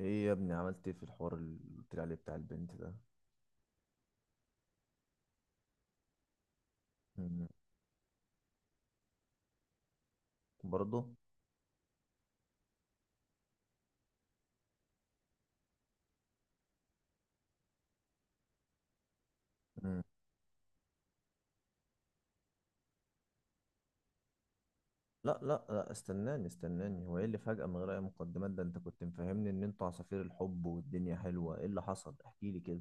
ايه يا ابني، عملت ايه في الحوار اللي قلت لي عليه بتاع البنت ده؟ مم. برضه. مم. لا لا لا، استناني استناني، هو ايه اللي فجأة من غير اي مقدمات ده؟ انت كنت مفهمني ان انتوا عصافير الحب والدنيا حلوة، ايه اللي حصل؟ احكي لي كده.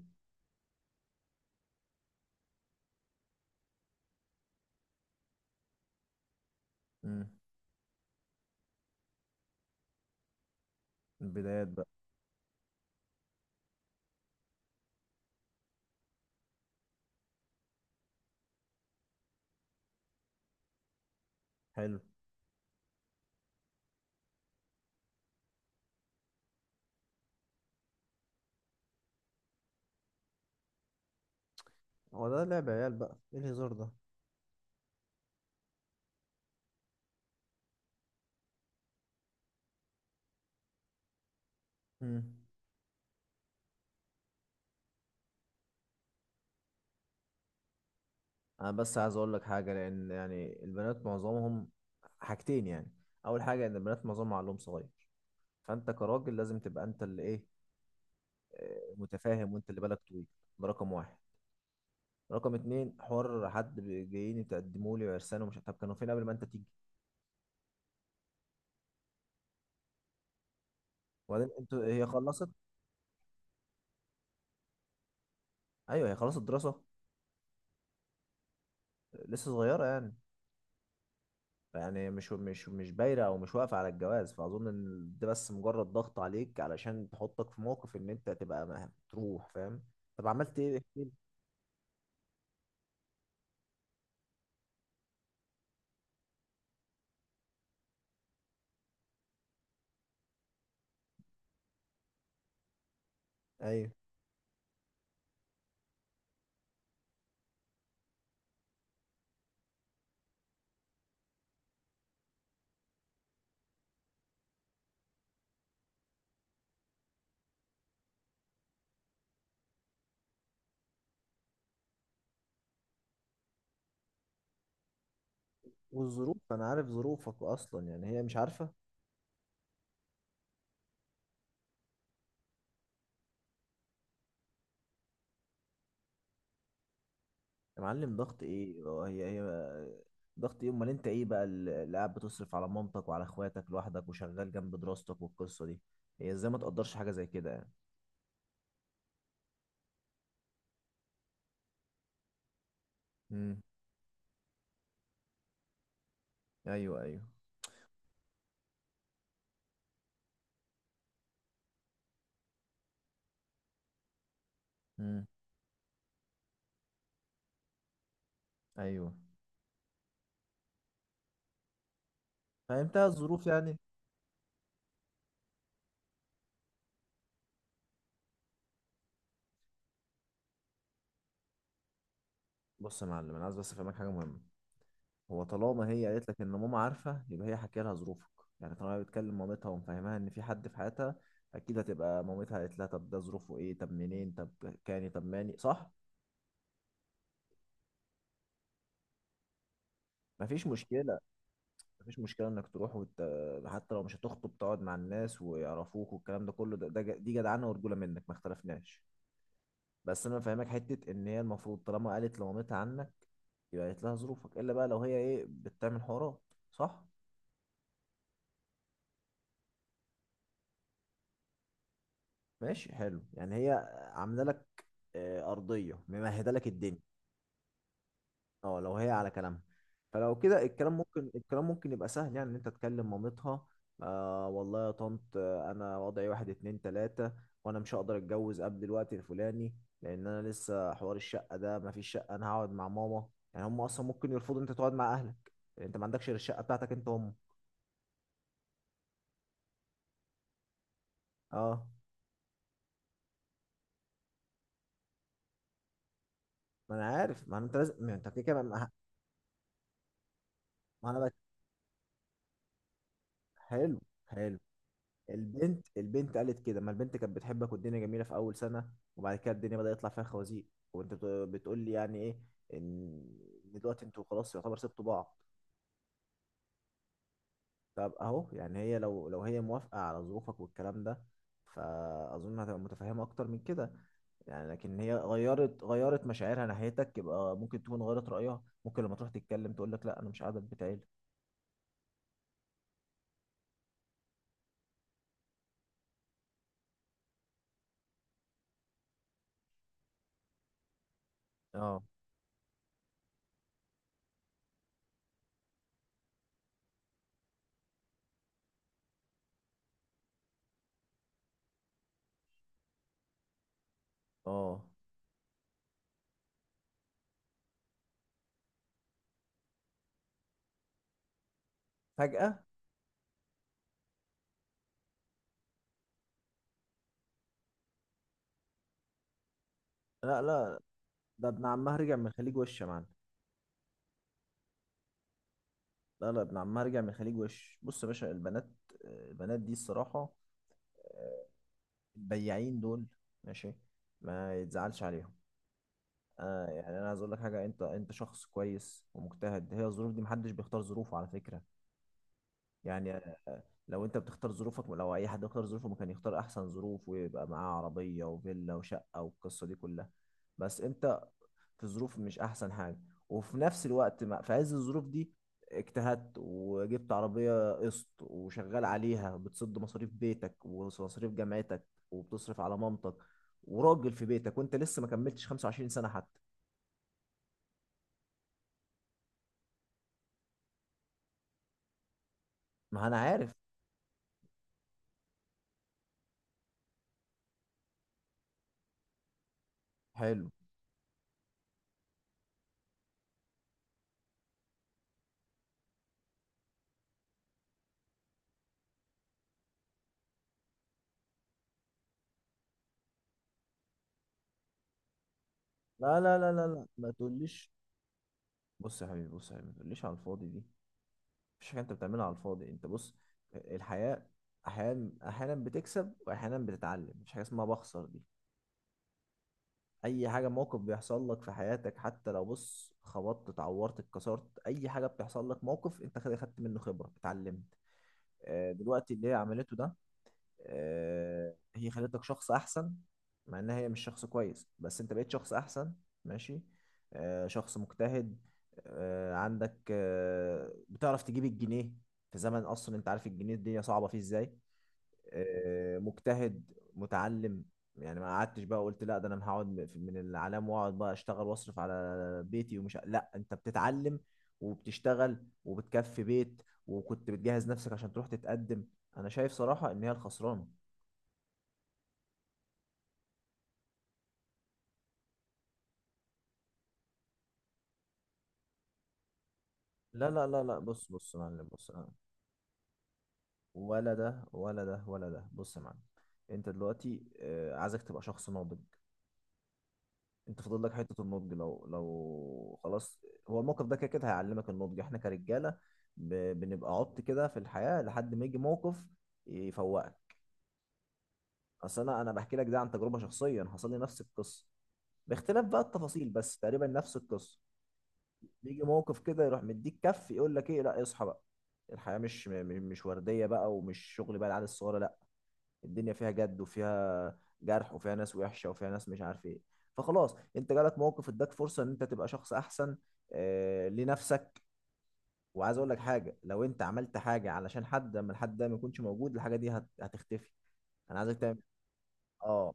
مم. البدايات بقى. حلو. هو ده لعب عيال بقى؟ ايه الهزار ده؟ مم. انا بس عايز اقول لك حاجة، لان يعني البنات معظمهم... حاجتين يعني. اول حاجة، ان البنات معظمهم عقلهم صغير. فانت كراجل لازم تبقى انت اللي ايه، متفاهم وانت اللي بالك طويل. ده رقم واحد. رقم اتنين، حوار حد جايين يتقدموا لي وعرسان، ومش... طب كانوا فين قبل ما انت تيجي؟ وبعدين انتوا، هي خلصت؟ ايوه، هي خلصت دراسه؟ لسه صغيره يعني. يعني مش بايره او مش واقفه على الجواز، فاظن ان ده بس مجرد ضغط عليك علشان تحطك في موقف ان انت تبقى تروح، فاهم؟ طب عملت ايه؟ احكي لي. ايوه. والظروف، انا عارف ظروفك اصلا، يعني هي مش عارفه؟ يا معلم، ضغط ايه؟ هي. ضغط ايه؟ امال انت ايه بقى اللي قاعد بتصرف على مامتك وعلى اخواتك لوحدك وشغال جنب دراستك والقصه دي. هي ازاي ما تقدرش حاجه زي كده يعني؟ امم. ايوه، ايوه. امم. ايوه، فهمتها الظروف يعني؟ بص يا معلم، انا عايز بس افهمك حاجه مهمه. هو طالما هي قالت لك ان ماما عارفه، يبقى هي حكي لها ظروفك. يعني طالما هي بتكلم مامتها ومفهمها ان في حد في حياتها، اكيد هتبقى مامتها قالت لها طب ده ظروفه ايه، طب منين، طب... كاني طب ماني، صح؟ مفيش مشكله. مفيش مشكلة انك تروح. حتى لو مش هتخطب، تقعد مع الناس ويعرفوك والكلام ده كله، دي جدعانة ورجولة منك، ما اختلفناش. بس انا فاهمك حتة، ان هي المفروض طالما قالت لمامتها عنك، يبقى قالت لها ظروفك، الا بقى لو هي ايه بتعمل حوارات. صح؟ ماشي، حلو يعني، هي عاملة لك أرضية ممهدة لك الدنيا. اه، لو هي على كلامها، فلو كده الكلام ممكن يبقى سهل يعني ان انت تكلم مامتها. آه والله يا طنط، انا وضعي واحد اتنين تلاتة، وانا مش هقدر اتجوز قبل الوقت الفلاني. لان انا لسه حوار الشقة ده، مفيش شقة، انا هقعد مع ماما. يعني هم اصلا ممكن يرفضوا إن انت تقعد مع اهلك، لأن انت ما عندكش غير الشقة بتاعتك انت وهم. اه، ما انا عارف، ما انت لازم، ما انت كده كده ما... ما انا حلو. حلو. البنت قالت كده، ما البنت كانت بتحبك والدنيا جميله في اول سنه. وبعد كده الدنيا بدأ يطلع فيها خوازيق. وانت بتقول لي يعني ايه، ان إن دلوقتي انتوا خلاص يعتبر سبتوا بعض؟ طب اهو يعني، هي لو هي موافقه على ظروفك والكلام ده، فاظن هتبقى متفهمه اكتر من كده. يعني لكن هي غيرت مشاعرها ناحيتك، يبقى ممكن تكون غيرت رأيها، ممكن لما تروح تتكلم تقول لك لا، انا مش قاعده في بيت عيلة. اه. اه، فجأة. لا لا، ده ابن عمها رجع من الخليج وش يا معلم. لا لا، ابن عمها رجع من الخليج وش. بص يا باشا، البنات... البنات دي الصراحة، البياعين دول. ماشي. ما يتزعلش عليهم. يعني انا عايز اقول لك حاجة، انت شخص كويس ومجتهد، هي الظروف دي محدش بيختار ظروفه على فكرة. يعني، آه، لو انت بتختار ظروفك، لو اي حد يختار ظروفه ما كان يختار احسن ظروف ويبقى معاه عربية وفيلا وشقة والقصة دي كلها. بس انت، في ظروف مش احسن حاجه، وفي نفس الوقت ما في عز الظروف دي، اجتهدت وجبت عربيه قسط، وشغال عليها بتسد مصاريف بيتك ومصاريف جامعتك، وبتصرف على مامتك، وراجل في بيتك، وانت لسه ما كملتش 25 سنه حتى. ما انا عارف. حلو. لا لا لا لا لا، ما تقوليش. بص يا حبيبي، بص يا حبيبي، ما تقوليش على الفاضي دي. مفيش حاجه انت بتعملها على الفاضي، انت بص، الحياه احيانا احيانا بتكسب، واحيانا بتتعلم، مفيش حاجه اسمها بخسر دي. اي حاجه، موقف بيحصل لك في حياتك حتى لو بص خبطت اتعورت اتكسرت، اي حاجه بتحصل لك، موقف انت خدت منه خبره، اتعلمت. دلوقتي اللي هي عملته ده، هي خلتك شخص احسن. مع انها هي مش شخص كويس، بس انت بقيت شخص احسن. ماشي. شخص مجتهد، عندك، بتعرف تجيب الجنيه في زمن اصلا انت عارف الجنيه الدنيا صعبه فيه ازاي. مجتهد، متعلم. يعني ما قعدتش بقى قلت لا ده انا هقعد من الاعلام واقعد بقى اشتغل واصرف على بيتي ومش لا، انت بتتعلم وبتشتغل وبتكفي بيت، وكنت بتجهز نفسك عشان تروح تتقدم. انا شايف صراحة ان هي الخسرانة. لا لا لا لا، بص، بص يا معلم، بص ولا ده ولا ده ولا ده، بص يا معلم. انت دلوقتي، عايزك تبقى شخص ناضج. انت فاضل لك حته النضج، لو خلاص. هو الموقف ده كده كده هيعلمك النضج. احنا كرجاله ب... بنبقى عبط كده في الحياه لحد ما يجي موقف يفوقك. اصل انا بحكي لك ده عن تجربه شخصيه، حصل لي نفس القصه، باختلاف بقى التفاصيل، بس تقريبا نفس القصه. بيجي موقف كده يروح مديك كف، يقول لك ايه، لا اصحى بقى، الحياه مش م- م- مش ورديه بقى، ومش شغل بقى العيال الصغيره، لا. الدنيا فيها جد، وفيها جرح، وفيها ناس وحشه، وفيها ناس مش عارف ايه. فخلاص، انت جالك موقف اداك فرصه ان انت تبقى شخص احسن، لنفسك. وعايز اقول لك حاجه، لو انت عملت حاجه علشان حد، لما الحد ده ما يكونش موجود الحاجه دي هتختفي. انا عايزك تعمل... اه.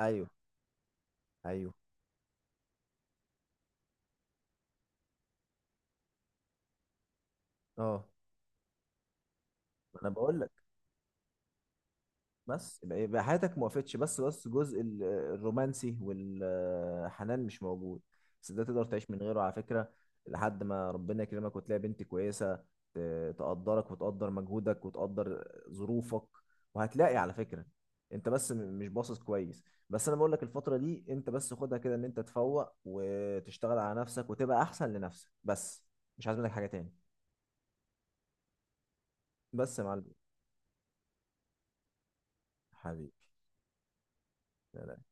ايوه، ايوه. اه، ما انا بقول لك. بس يبقى حياتك ما وقفتش، بس جزء الرومانسي والحنان مش موجود. بس ده تقدر تعيش من غيره على فكرة، لحد ما ربنا يكرمك وتلاقي بنت كويسة، تقدرك وتقدر مجهودك وتقدر ظروفك. وهتلاقي على فكرة، انت بس مش باصص كويس. بس انا بقول لك، الفترة دي انت بس خدها كده، ان انت تفوق وتشتغل على نفسك وتبقى احسن لنفسك بس. مش عايز منك حاجة تاني. بس يا معلم. حبيبي. سلام.